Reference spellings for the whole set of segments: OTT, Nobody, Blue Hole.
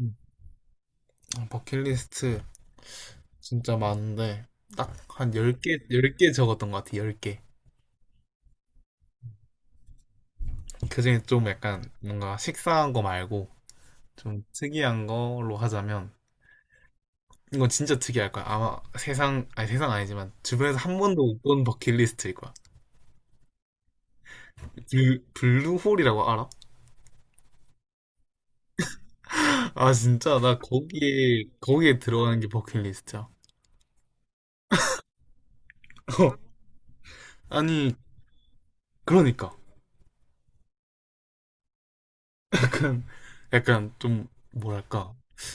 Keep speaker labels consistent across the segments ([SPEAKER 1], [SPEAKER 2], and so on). [SPEAKER 1] 음, 아, 버킷리스트 진짜 많은데 딱 한 10개, 10개 적었던 것 같아, 10개. 그중에 좀 약간 뭔가 식상한 거 말고 좀 특이한 걸로 하자면 이건 진짜 특이할 거야. 아마 세상, 아니 세상 아니지만 주변에서 한 번도 못 본 버킷리스트일 거야. 블루홀이라고 알아? 아 진짜 나 거기에 들어가는 게 버킷리스트야. 아니 그러니까 약간 좀 뭐랄까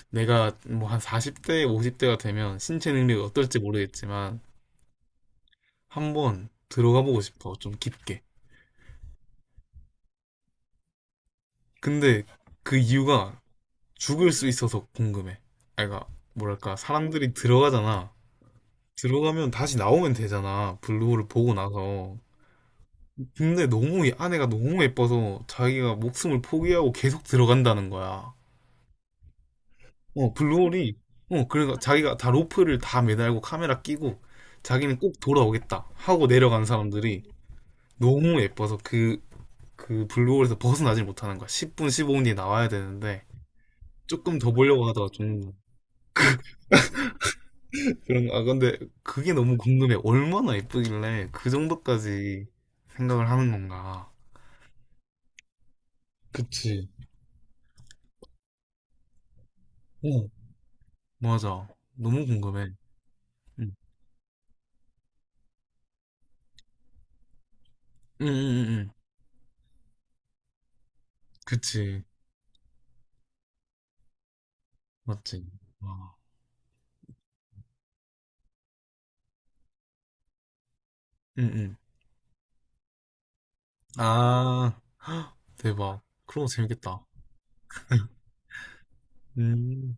[SPEAKER 1] 내가 뭐 한 40대, 50대가 되면 신체 능력이 어떨지 모르겠지만 한번 들어가 보고 싶어. 좀 깊게. 근데 그 이유가 죽을 수 있어서 궁금해. 아이가 뭐랄까 사람들이 들어가잖아. 들어가면 다시 나오면 되잖아. 블루홀을 보고 나서. 근데 너무 이 안에가 너무 예뻐서 자기가 목숨을 포기하고 계속 들어간다는 거야. 어, 블루홀이, 어, 그래서 자기가 다 로프를 다 매달고 카메라 끼고 자기는 꼭 돌아오겠다 하고 내려간 사람들이 너무 예뻐서 그 블루홀에서 벗어나질 못하는 거야. 10분, 15분 뒤에 나와야 되는데 조금 더 보려고 하다가 좀 그런, 아, 근데 그게 너무 궁금해. 얼마나 예쁘길래 그 정도까지 생각을 하는 건가. 그치. 어, 맞아. 너무 궁금해. 응, 응, 응, 응. 응. 그치. 맞지. 와. 응, 응. 아, 대박. 그런 거 재밌겠다. 음,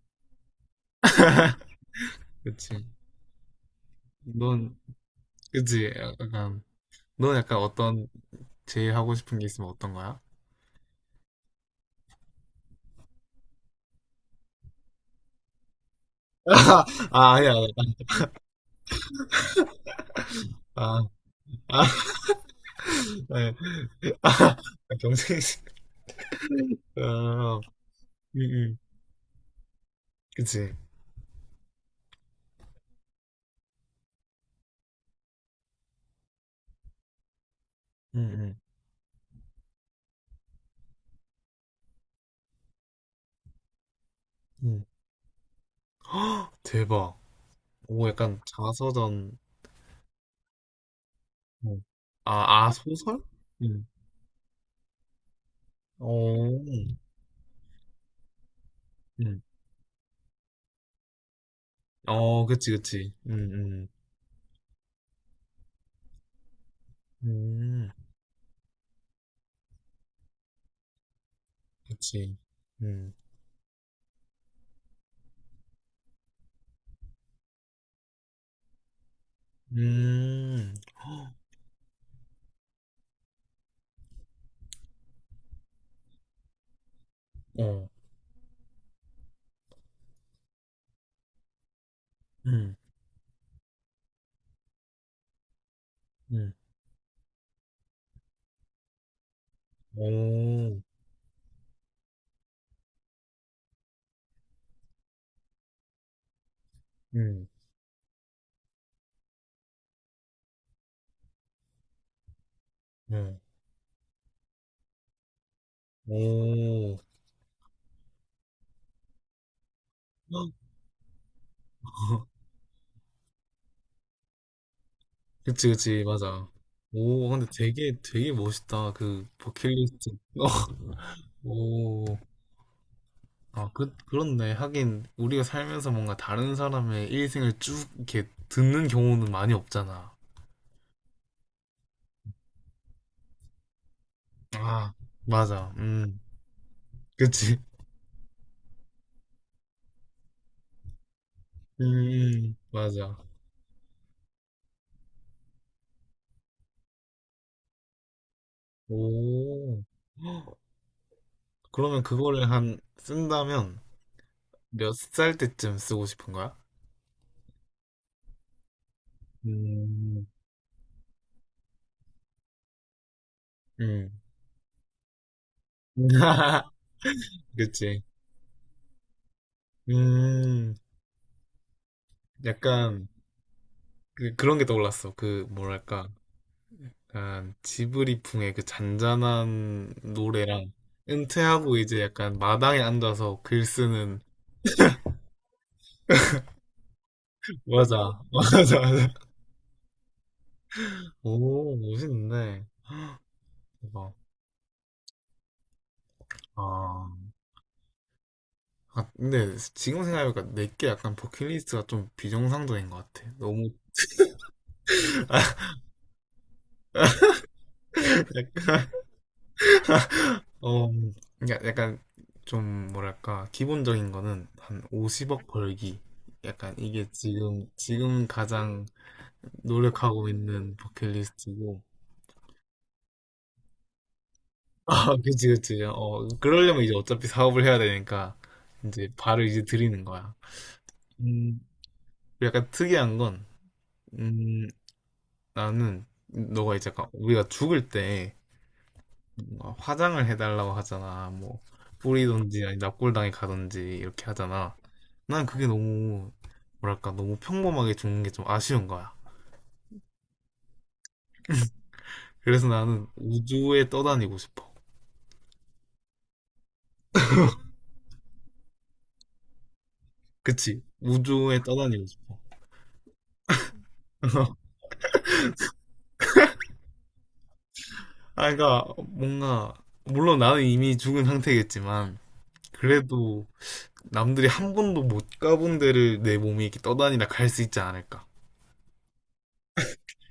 [SPEAKER 1] 그치. 넌, 그치. 약간, 넌 약간 어떤, 제일 하고 싶은 게 있으면 어떤 거야? 아, 아니야. 아니야. 아, 아, 네. 아, 경쟁이, 아, 응, 응. 그치. 응, 응, 응. 헉, 대박. 오, 약간 자서전, 어. 아, 아, 소설? 응. 어, 응. 어, 그치, 그치. 응, 응. 음, 그치. 응. 음. 헉, 어. 음. 음. 오. 음. 음. 오. 그치, 그치. 맞아. 오, 근데 되게, 되게 멋있다. 그, 버킷리스트. 어. 오. 아, 그, 그렇네. 하긴, 우리가 살면서 뭔가 다른 사람의 일생을 쭉 이렇게 듣는 경우는 많이 없잖아. 아, 맞아. 음. 그치. 맞아. 오. 그러면 그거를 한, 쓴다면, 몇 살 때쯤 쓰고 싶은 거야? 음, 음. 그치. 음, 약간, 그, 그런 게 떠올랐어. 그, 뭐랄까. 약간, 지브리풍의 그 잔잔한 노래랑, 은퇴하고 이제 약간 마당에 앉아서 글 쓰는, 맞아, 맞아, 맞아. 오, 멋있네. 대박. 아, 아, 근데 지금 생각해보니까 내게 약간 버킷리스트가 좀 비정상적인 것 같아. 너무 어, 그러니까 약간 좀 뭐랄까 기본적인 거는 한 50억 벌기. 약간 이게 지금 가장 노력하고 있는 버킷리스트고. 아, 그치, 그치. 어, 그러려면 이제 어차피 사업을 해야 되니까 이제 발을 이제 들이는 거야. 음, 약간 특이한 건, 음, 나는 너가 이제 약간 우리가 죽을 때 뭔가 화장을 해달라고 하잖아. 뭐 뿌리든지 아니 납골당에 가든지 이렇게 하잖아. 난 그게 너무 뭐랄까 너무 평범하게 죽는 게 좀 아쉬운 거야. 그래서 나는 우주에 떠다니고 싶어. 그치? 우주에 떠다니고 싶어. 아, 그러니까 뭔가 물론 나는 이미 죽은 상태겠지만 그래도 남들이 한 번도 못 가본 데를 내 몸이 이렇게 떠다니다 갈 수 있지 않을까?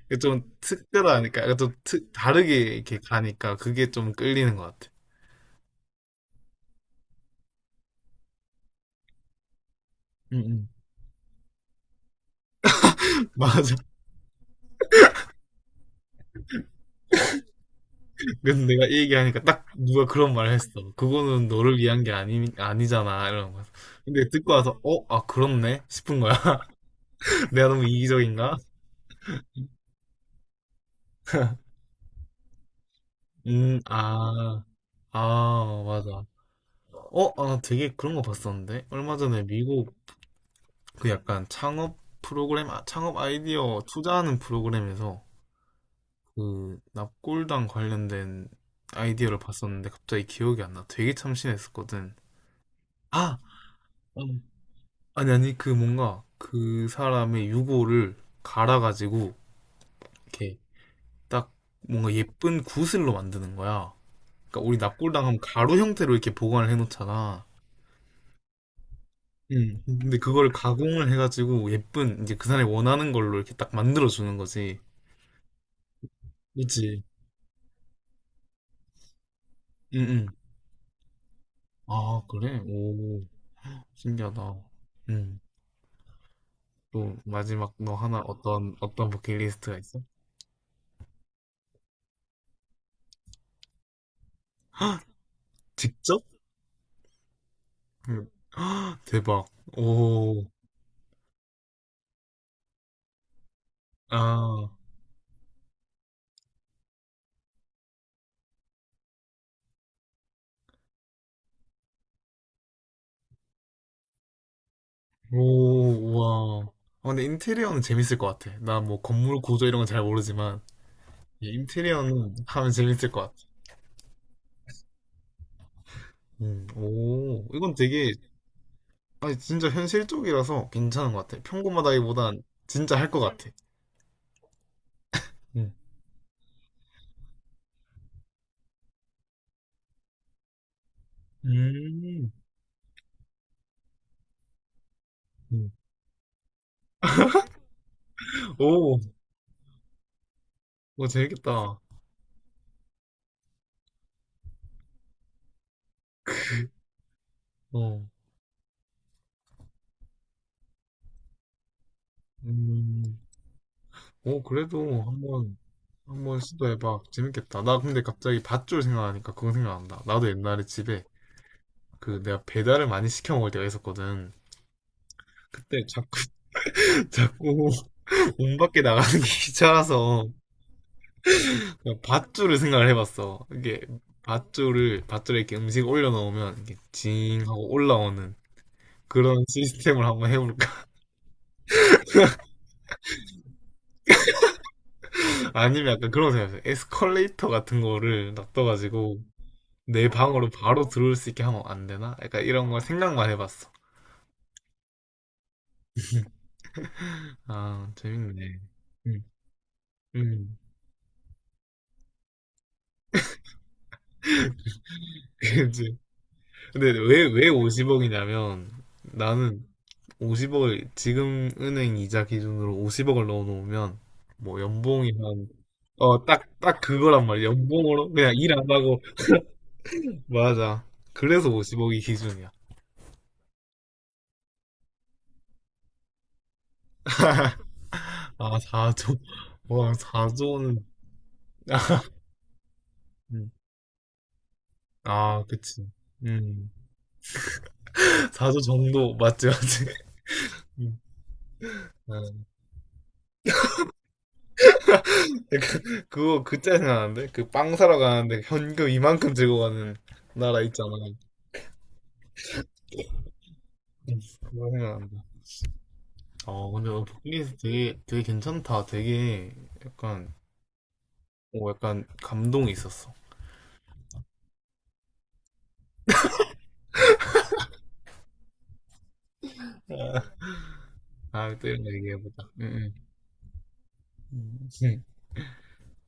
[SPEAKER 1] 이게 좀 특별하니까, 약간 좀 특- 다르게 이렇게 가니까 그게 좀 끌리는 것 같아. 응, 응. 맞아. 그래서 내가 이 얘기하니까 딱 누가 그런 말을 했어. 그거는 너를 위한 게 아니, 아니잖아. 이런 거. 근데 듣고 와서, 어? 아, 그렇네? 싶은 거야. 내가 너무 이기적인가? 아, 아, 맞아. 어? 아, 되게 그런 거 봤었는데? 얼마 전에 미국 그 약간 창업 프로그램, 아, 창업 아이디어 투자하는 프로그램에서 그 납골당 관련된 아이디어를 봤었는데 갑자기 기억이 안 나. 되게 참신했었거든. 아! 음. 아니, 아니, 그 뭔가 그 사람의 유골을 갈아가지고 이렇게 딱 뭔가 예쁜 구슬로 만드는 거야. 그러니까 우리 납골당하면 가루 형태로 이렇게 보관을 해놓잖아. 음. 근데 그걸 가공을 해가지고 예쁜 이제 그 사람이 원하는 걸로 이렇게 딱 만들어주는 거지. 그치. 응, 응. 아, 그래? 오, 신기하다. 응. 또 마지막 너 하나 어떤 어떤 버킷리스트가 있어? 직접? 응. 헉, 대박. 오. 아. 오, 와. 아, 근데 인테리어는 재밌을 것 같아. 나 뭐 건물 구조 이런 건 잘 모르지만 이 인테리어는 하면 재밌을 것 같아. 오, 이건 되게 아니 진짜 현실적이라서 괜찮은 것 같아. 평범하다기보단 진짜 할 것 같아. 음, 음, 음. 오, 오 재밌겠다. 어, 음, 오 그래도 한번 시도해봐. 재밌겠다. 나 근데 갑자기 밧줄 생각하니까 그거 생각난다. 나도 옛날에 집에 그 내가 배달을 많이 시켜 먹을 때가 있었거든. 그때 자꾸 문 밖에 나가는 게 귀찮아서 그냥 밧줄을 생각을 해봤어. 이게 밧줄을 밧줄에 이렇게 음식 올려놓으면 이게 징 하고 올라오는 그런 시스템을 한번 해볼까? 아니면 약간 그런 생각했어요. 에스컬레이터 같은 거를 놔둬가지고 내 방으로 바로 들어올 수 있게 하면 안 되나? 약간 이런 걸 생각만 해봤어. 아 재밌네. 음, 음. 그치. 근데 왜 50억이냐면 나는 50억을 지금 은행 이자 기준으로 50억을 넣어놓으면 뭐 연봉이 한, 어, 딱, 딱 그거란 말이야. 연봉으로 그냥 일 안 하고 맞아. 그래서 50억이 기준이야. 아, 4조. 와, 4조는. 음. 아, 그치. 음. 4조 정도, 맞지, 맞지. 음. 아, 그거, 그짜 생각나는데? 그 빵 사러 가는데 현금 이만큼 들고 가는 나라 있잖아. 그거 생각난다. 어, 근데 버킷리스트 되게, 되게 괜찮다. 되게 약간, 오, 약간 감동이 있었어. 아, 또 이런 거 얘기해보자. 응, 응.